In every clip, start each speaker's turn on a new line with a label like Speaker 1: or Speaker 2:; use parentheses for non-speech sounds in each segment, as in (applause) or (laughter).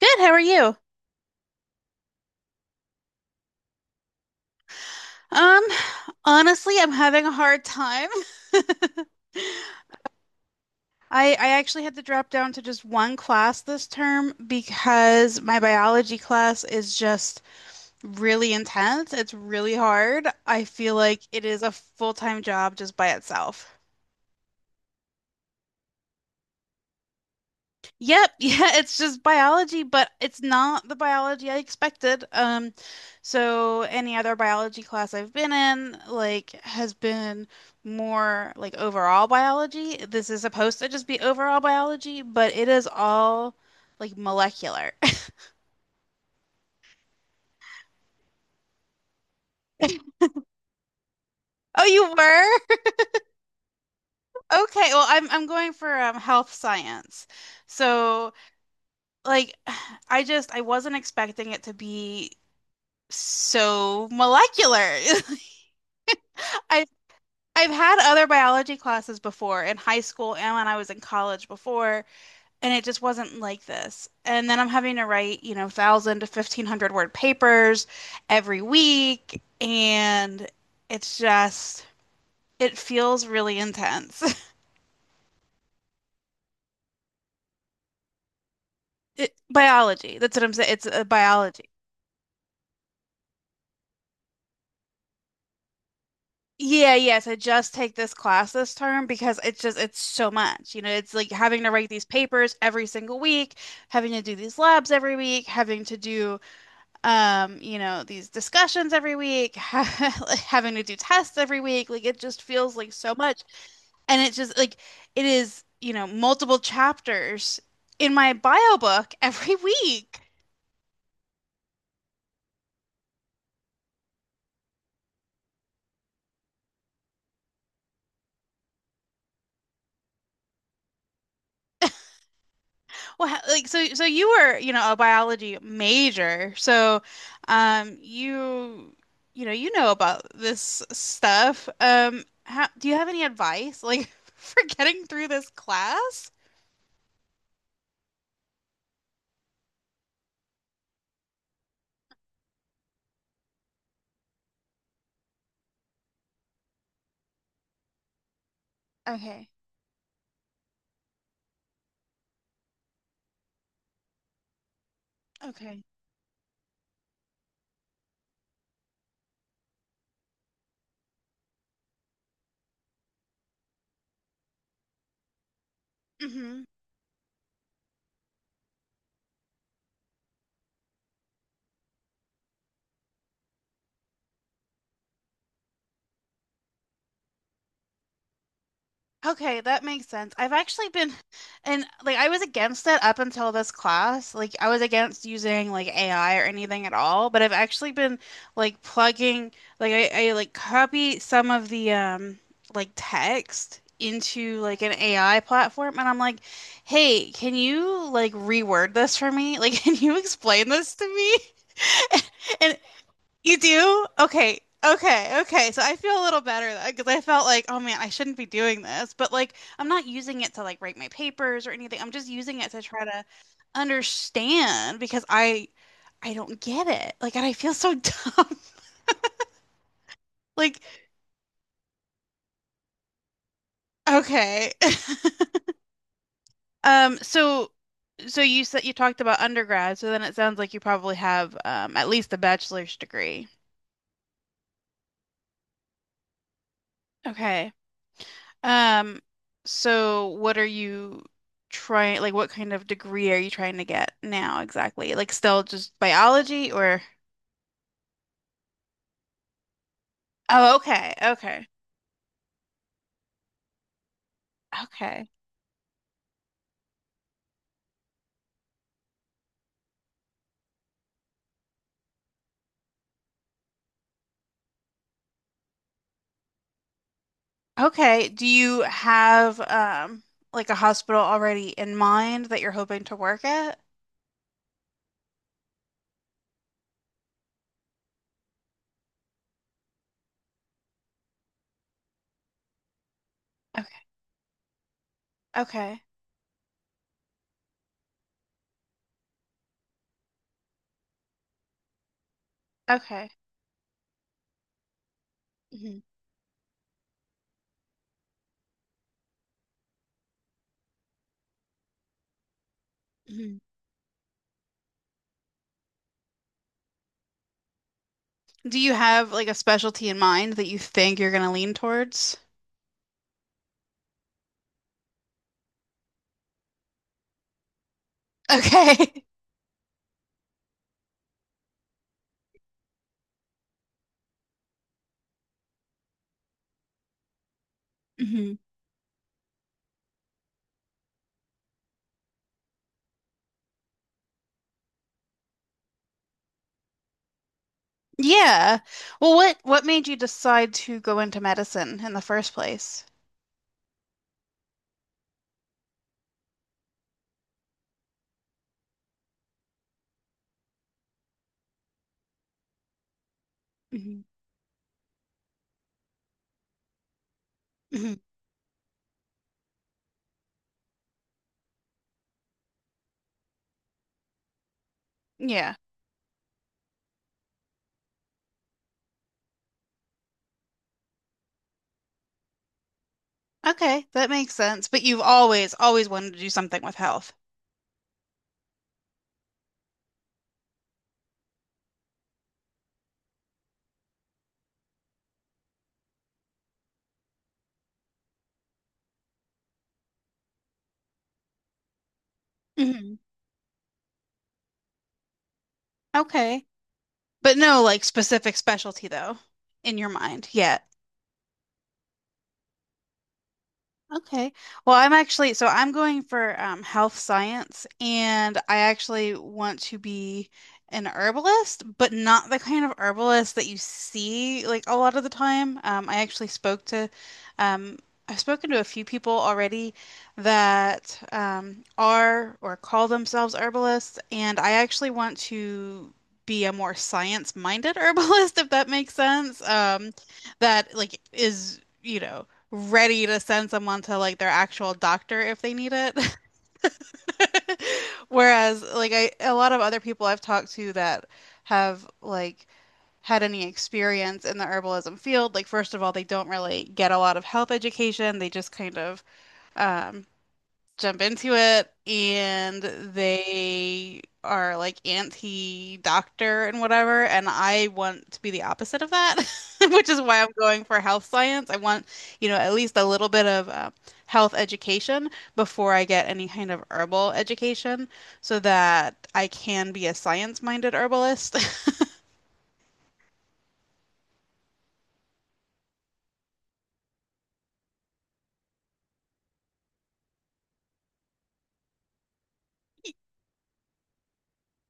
Speaker 1: Good, how are you? Um, Honestly, I'm having a hard time. (laughs) I actually had to drop down to just one class this term because my biology class is just really intense. It's really hard. I feel like it is a full-time job just by itself. Yep, (laughs) yeah, it's just biology, but it's not the biology I expected. So any other biology class I've been in, like, has been more like overall biology. This is supposed to just be overall biology, but it is all like molecular. (laughs) Oh, you were? (laughs) Okay, well, I'm going for health science. So, like, (sighs) I wasn't expecting it to be so molecular. (laughs) I I've had other biology classes before in high school and when I was in college before, and it just wasn't like this. And then I'm having to write, 1,000 to 1,500 word papers every week, and it's just, it feels really intense. (laughs) It, biology, that's what I'm saying. It's a biology. Yeah, yes, I just take this class this term because it's just it's so much. You know, it's like having to write these papers every single week, having to do these labs every week, having to do these discussions every week, (laughs) having to do tests every week. Like it just feels like so much. And it's just like it is, you know, multiple chapters in my bio book (laughs) every week. Well, like so you were, you know, a biology major. So um you you know about this stuff. Do you have any advice like (laughs) for getting through this class? Okay. Okay. Okay, that makes sense. I've actually been, and like I was against it up until this class. Like I was against using like AI or anything at all, but I've actually been like plugging, like I like copy some of the like text into like an AI platform, and I'm like, hey, can you like reword this for me? Like, (laughs) can you explain this to me? (laughs) And you do? Okay. Okay. Okay. So I feel a little better because I felt like, oh man, I shouldn't be doing this. But like, I'm not using it to like write my papers or anything. I'm just using it to try to understand because I don't get it. Like, and I feel so (laughs) dumb. Like, okay. (laughs) Um. So, so you said you talked about undergrad. So then it sounds like you probably have at least a bachelor's degree. Okay. Um, so what are you trying, like what kind of degree are you trying to get now exactly? Like still just biology or oh, okay. Okay. Okay. Okay. Do you have like a hospital already in mind that you're hoping to work at? Okay. Okay. Okay. Hmm. Hmm. Do you have like a specialty in mind that you think you're going to lean towards? Okay. (laughs) Mhm. Yeah. Well, what made you decide to go into medicine in the first place? Hmm. Hmm. Yeah. Okay, that makes sense. But you've always always wanted to do something with health. Hmm. Okay. But no like specific specialty though in your mind. Yeah. Okay. Well, I'm actually, so I'm going for health science, and I actually want to be an herbalist, but not the kind of herbalist that you see like a lot of the time. Um, I've spoken to a few people already that are or call themselves herbalists, and I actually want to be a more science-minded (laughs) herbalist, if that makes sense. That like is. You know, ready to send someone to like their actual doctor if they need it. (laughs) Whereas like I a lot of other people I've talked to that have like had any experience in the herbalism field, like first of all, they don't really get a lot of health education. They just kind of um, jump into it, and they are like anti-doctor and whatever, and I want to be the opposite of that (laughs) which is why I'm going for health science. I want at least a little bit of health education before I get any kind of herbal education so that I can be a science-minded herbalist. (laughs)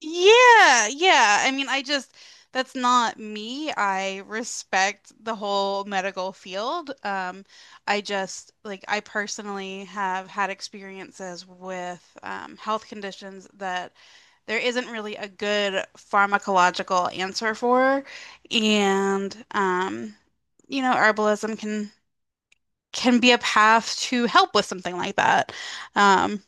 Speaker 1: Yeah, yeah. I mean, I just that's not me. I respect the whole medical field. I just like I personally have had experiences with health conditions that there isn't really a good pharmacological answer for, and herbalism can be a path to help with something like that. um,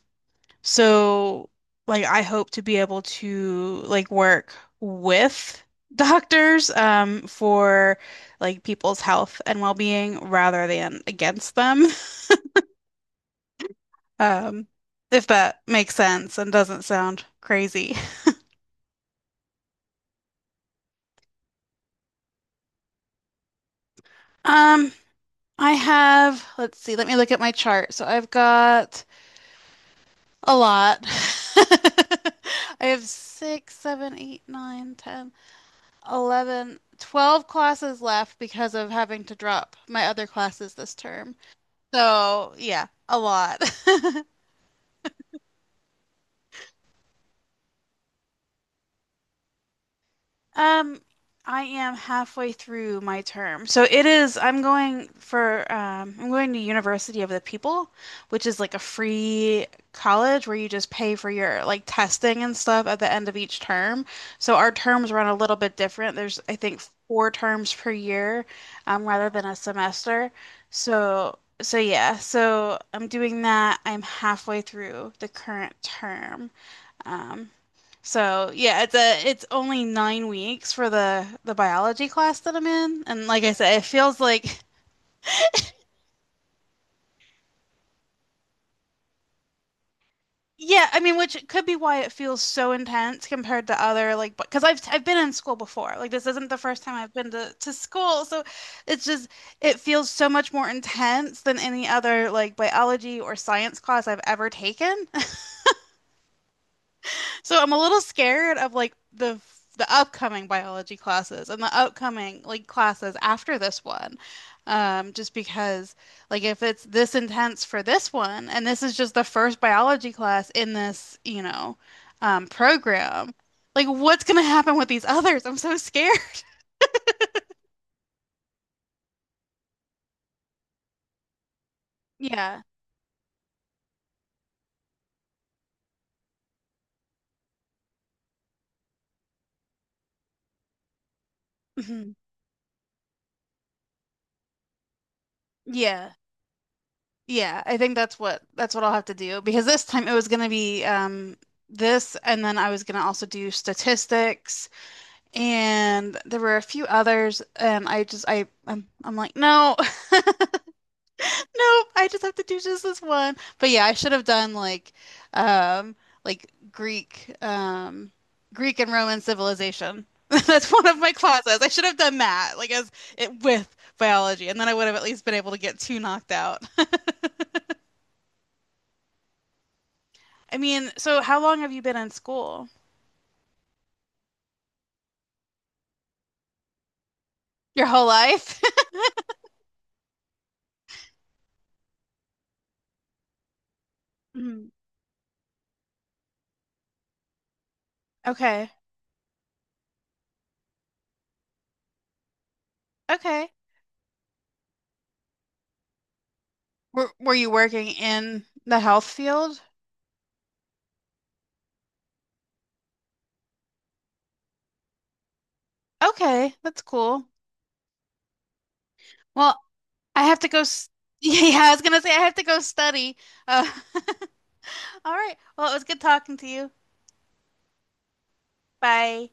Speaker 1: so, like, I hope to be able to like work with (laughs) doctors for like people's health and well-being rather than against them. (laughs) Um, if that makes sense and doesn't sound crazy. (laughs) Um, I have, let's see, let me look at my chart. So I've got a lot. (laughs) I have six, seven, eight, nine, 10. 11, 12 classes left because of having to drop my other classes this term. So, yeah, a lot. (laughs) Um, I am halfway through my term. So it is, I'm going to University of the People, which is like a free college where you just pay for your like testing and stuff at the end of each term. So our terms run a little bit different. There's, I think, four terms per year, rather than a semester. So yeah, so I'm doing that. I'm halfway through the current term. Um, so yeah, it's only 9 weeks for the biology class that I'm in, and like I said, it feels like. Yeah, I mean, which could be why it feels so intense compared to other like because I've been in school before. Like this isn't the first time I've been to school, so it's just it feels so much more intense than any other like biology or science class I've ever taken. So I'm a little scared of like the upcoming biology classes and the upcoming like classes after this one. Just because like if it's this intense for this one and this is just the first biology class in this program, like what's gonna happen with these others? I'm so scared. (laughs) Yeah. Mhm. Yeah. Yeah. I think that's what I'll have to do because this time it was gonna be this, and then I was gonna also do statistics and there were a few others, and I just I'm like no. (laughs) No, I just have to do just this one, but yeah I should have done um like Greek and Roman civilization, (laughs) that's one of my classes. I should have done that like as it with biology, and then I would have at least been able to get two knocked out. (laughs) I mean, so how long have you been in school? Your whole life. (laughs) Mhm. Okay. Okay. Were you working in the health field? Okay, that's cool. Well, I have to go. (laughs) Yeah, I was gonna say I have to go study. Uh, (laughs) all right. Well, it was good talking to you. Bye.